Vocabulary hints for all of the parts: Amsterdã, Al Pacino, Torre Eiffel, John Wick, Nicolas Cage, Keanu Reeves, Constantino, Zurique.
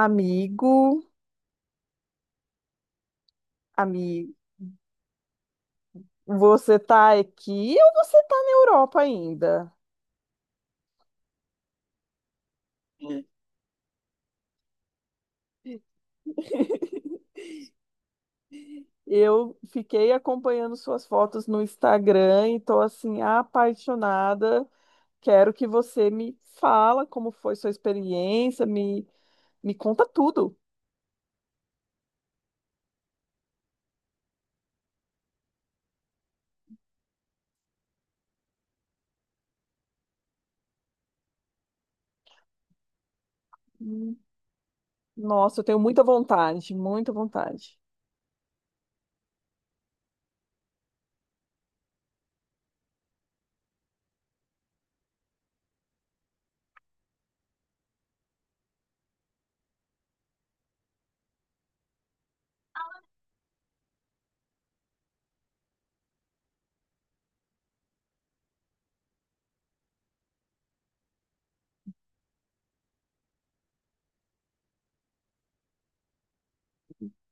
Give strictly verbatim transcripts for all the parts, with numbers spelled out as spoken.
Amigo, amigo, você tá aqui ou você tá na Europa ainda? É. Eu fiquei acompanhando suas fotos no Instagram e tô assim apaixonada. Quero que você me fala como foi sua experiência, me me conta tudo. Hum, Nossa, eu tenho muita vontade, muita vontade.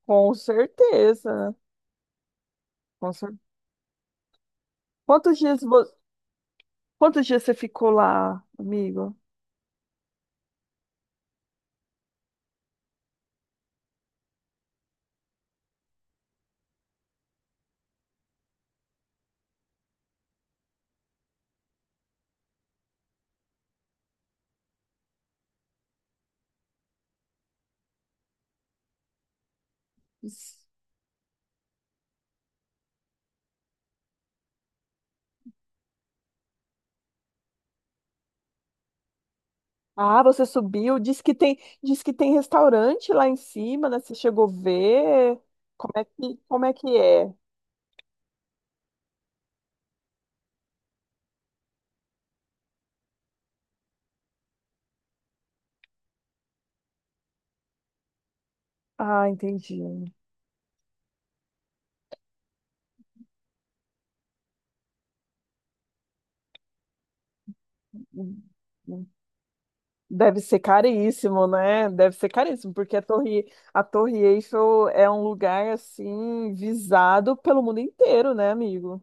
Com certeza, com cer- Quantos dias vo- quantos dias você ficou lá, amigo? Ah, você subiu, diz que tem, diz que tem restaurante lá em cima, né? Você chegou a ver? Como é que, como é que é? Ah, entendi. Deve ser caríssimo, né? Deve ser caríssimo, porque a Torre, a Torre Eiffel é um lugar assim visado pelo mundo inteiro, né, amigo?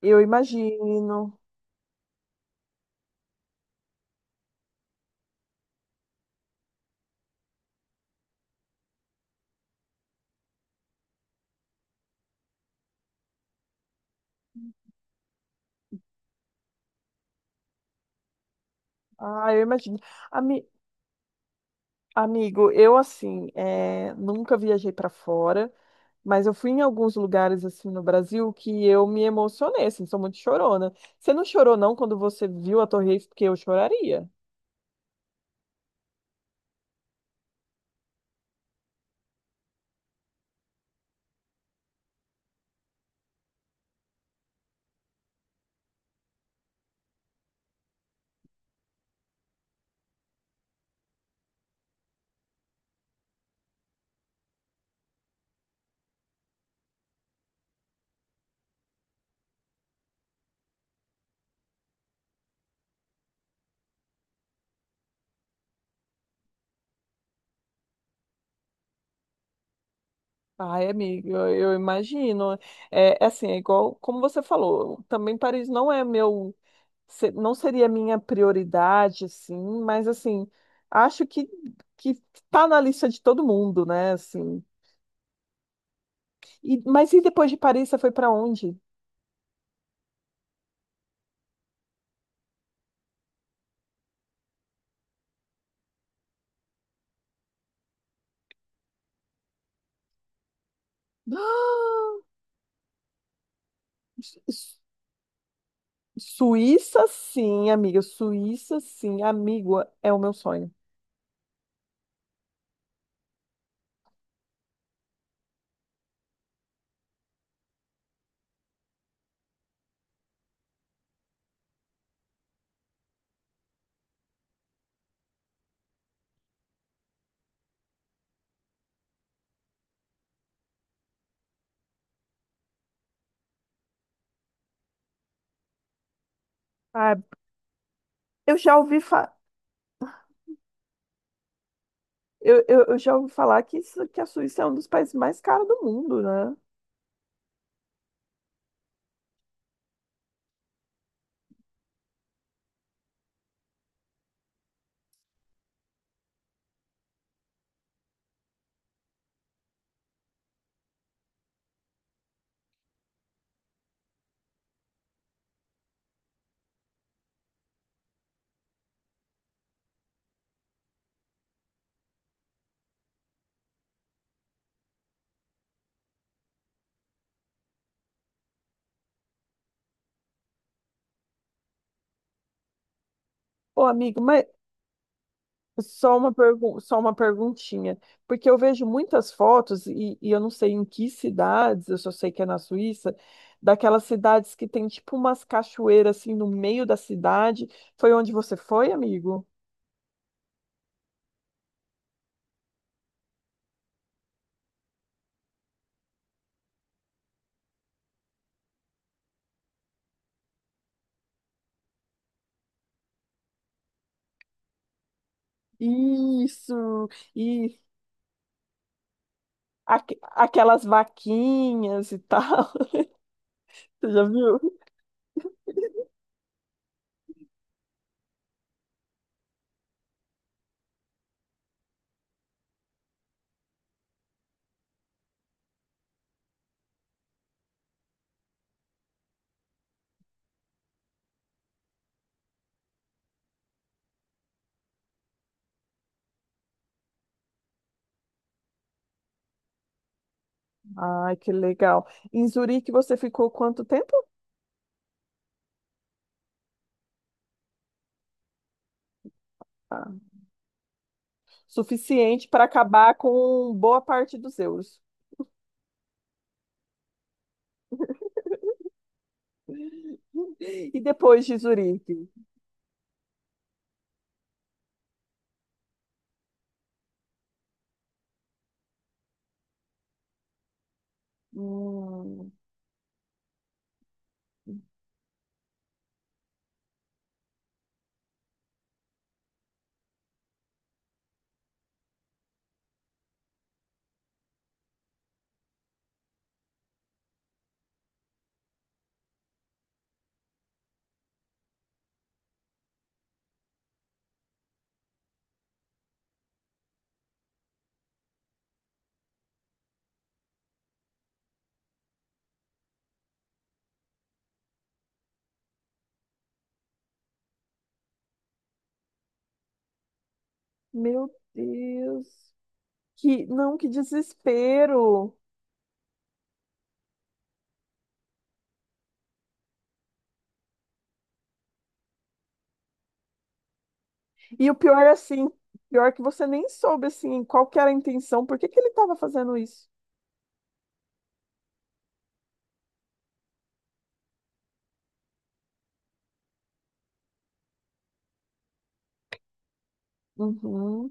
Eu imagino. Ah, eu imagino. Ami- amigo, eu assim, é, nunca viajei para fora. Mas eu fui em alguns lugares assim no Brasil que eu me emocionei, assim, sou muito chorona. Você não chorou não quando você viu a Torre Eiffel? Porque eu choraria. Ai, amigo, eu, eu imagino. É, é assim, é igual como você falou, também Paris não é meu, se- não seria minha prioridade, assim, mas assim, acho que que tá na lista de todo mundo, né, assim. E, mas e depois de Paris, você foi para onde? Suíça, sim, amiga. Suíça, sim, amigo, é o meu sonho. Ah, eu já ouvi fa... eu, eu, eu já ouvi falar que, isso- que a Suíça é um dos países mais caros do mundo, né? Ô, amigo, mas só uma pergu... só uma perguntinha, porque eu vejo muitas fotos e, e eu não sei em que cidades, eu só sei que é na Suíça, daquelas cidades que tem tipo umas cachoeiras assim no meio da cidade. Foi onde você foi, amigo? Isso, Aque- aquelas vaquinhas e tal. Você já viu? Ai, que legal. Em Zurique você ficou quanto tempo? Ah, suficiente para acabar com boa parte dos euros. E depois de Zurique? Hum, meu Deus. Que, não, que desespero. E o pior é assim, pior que você nem soube assim qual que era a intenção, por que que ele estava fazendo isso? Uhum,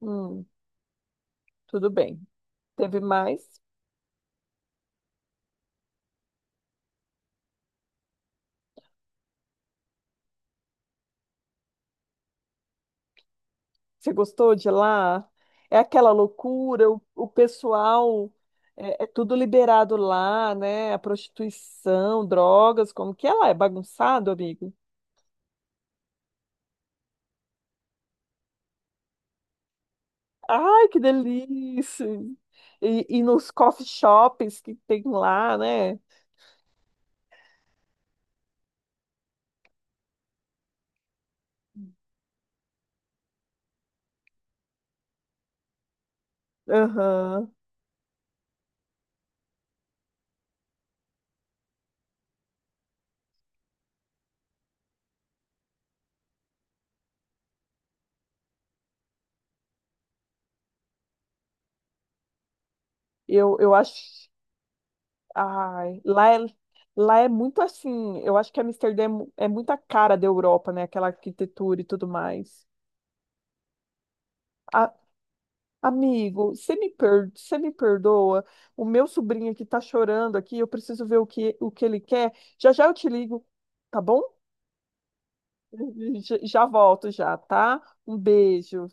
hum, tudo bem. Teve mais? Você gostou de lá? É aquela loucura, o, o pessoal é, é tudo liberado lá, né? A prostituição, drogas, como que é lá? É bagunçado, amigo? Ai, que delícia! E, e nos coffee shops que tem lá, né? Aham. Eu, eu acho. Ai, lá é, lá é muito assim. Eu acho que Amsterdã é, mu- é muita cara da Europa, né? Aquela arquitetura e tudo mais. A- amigo, você me, per, você me perdoa? O meu sobrinho aqui tá chorando aqui. Eu preciso ver o que, o que ele quer. Já já eu te ligo, tá bom? Já, já volto já, tá? Um beijo.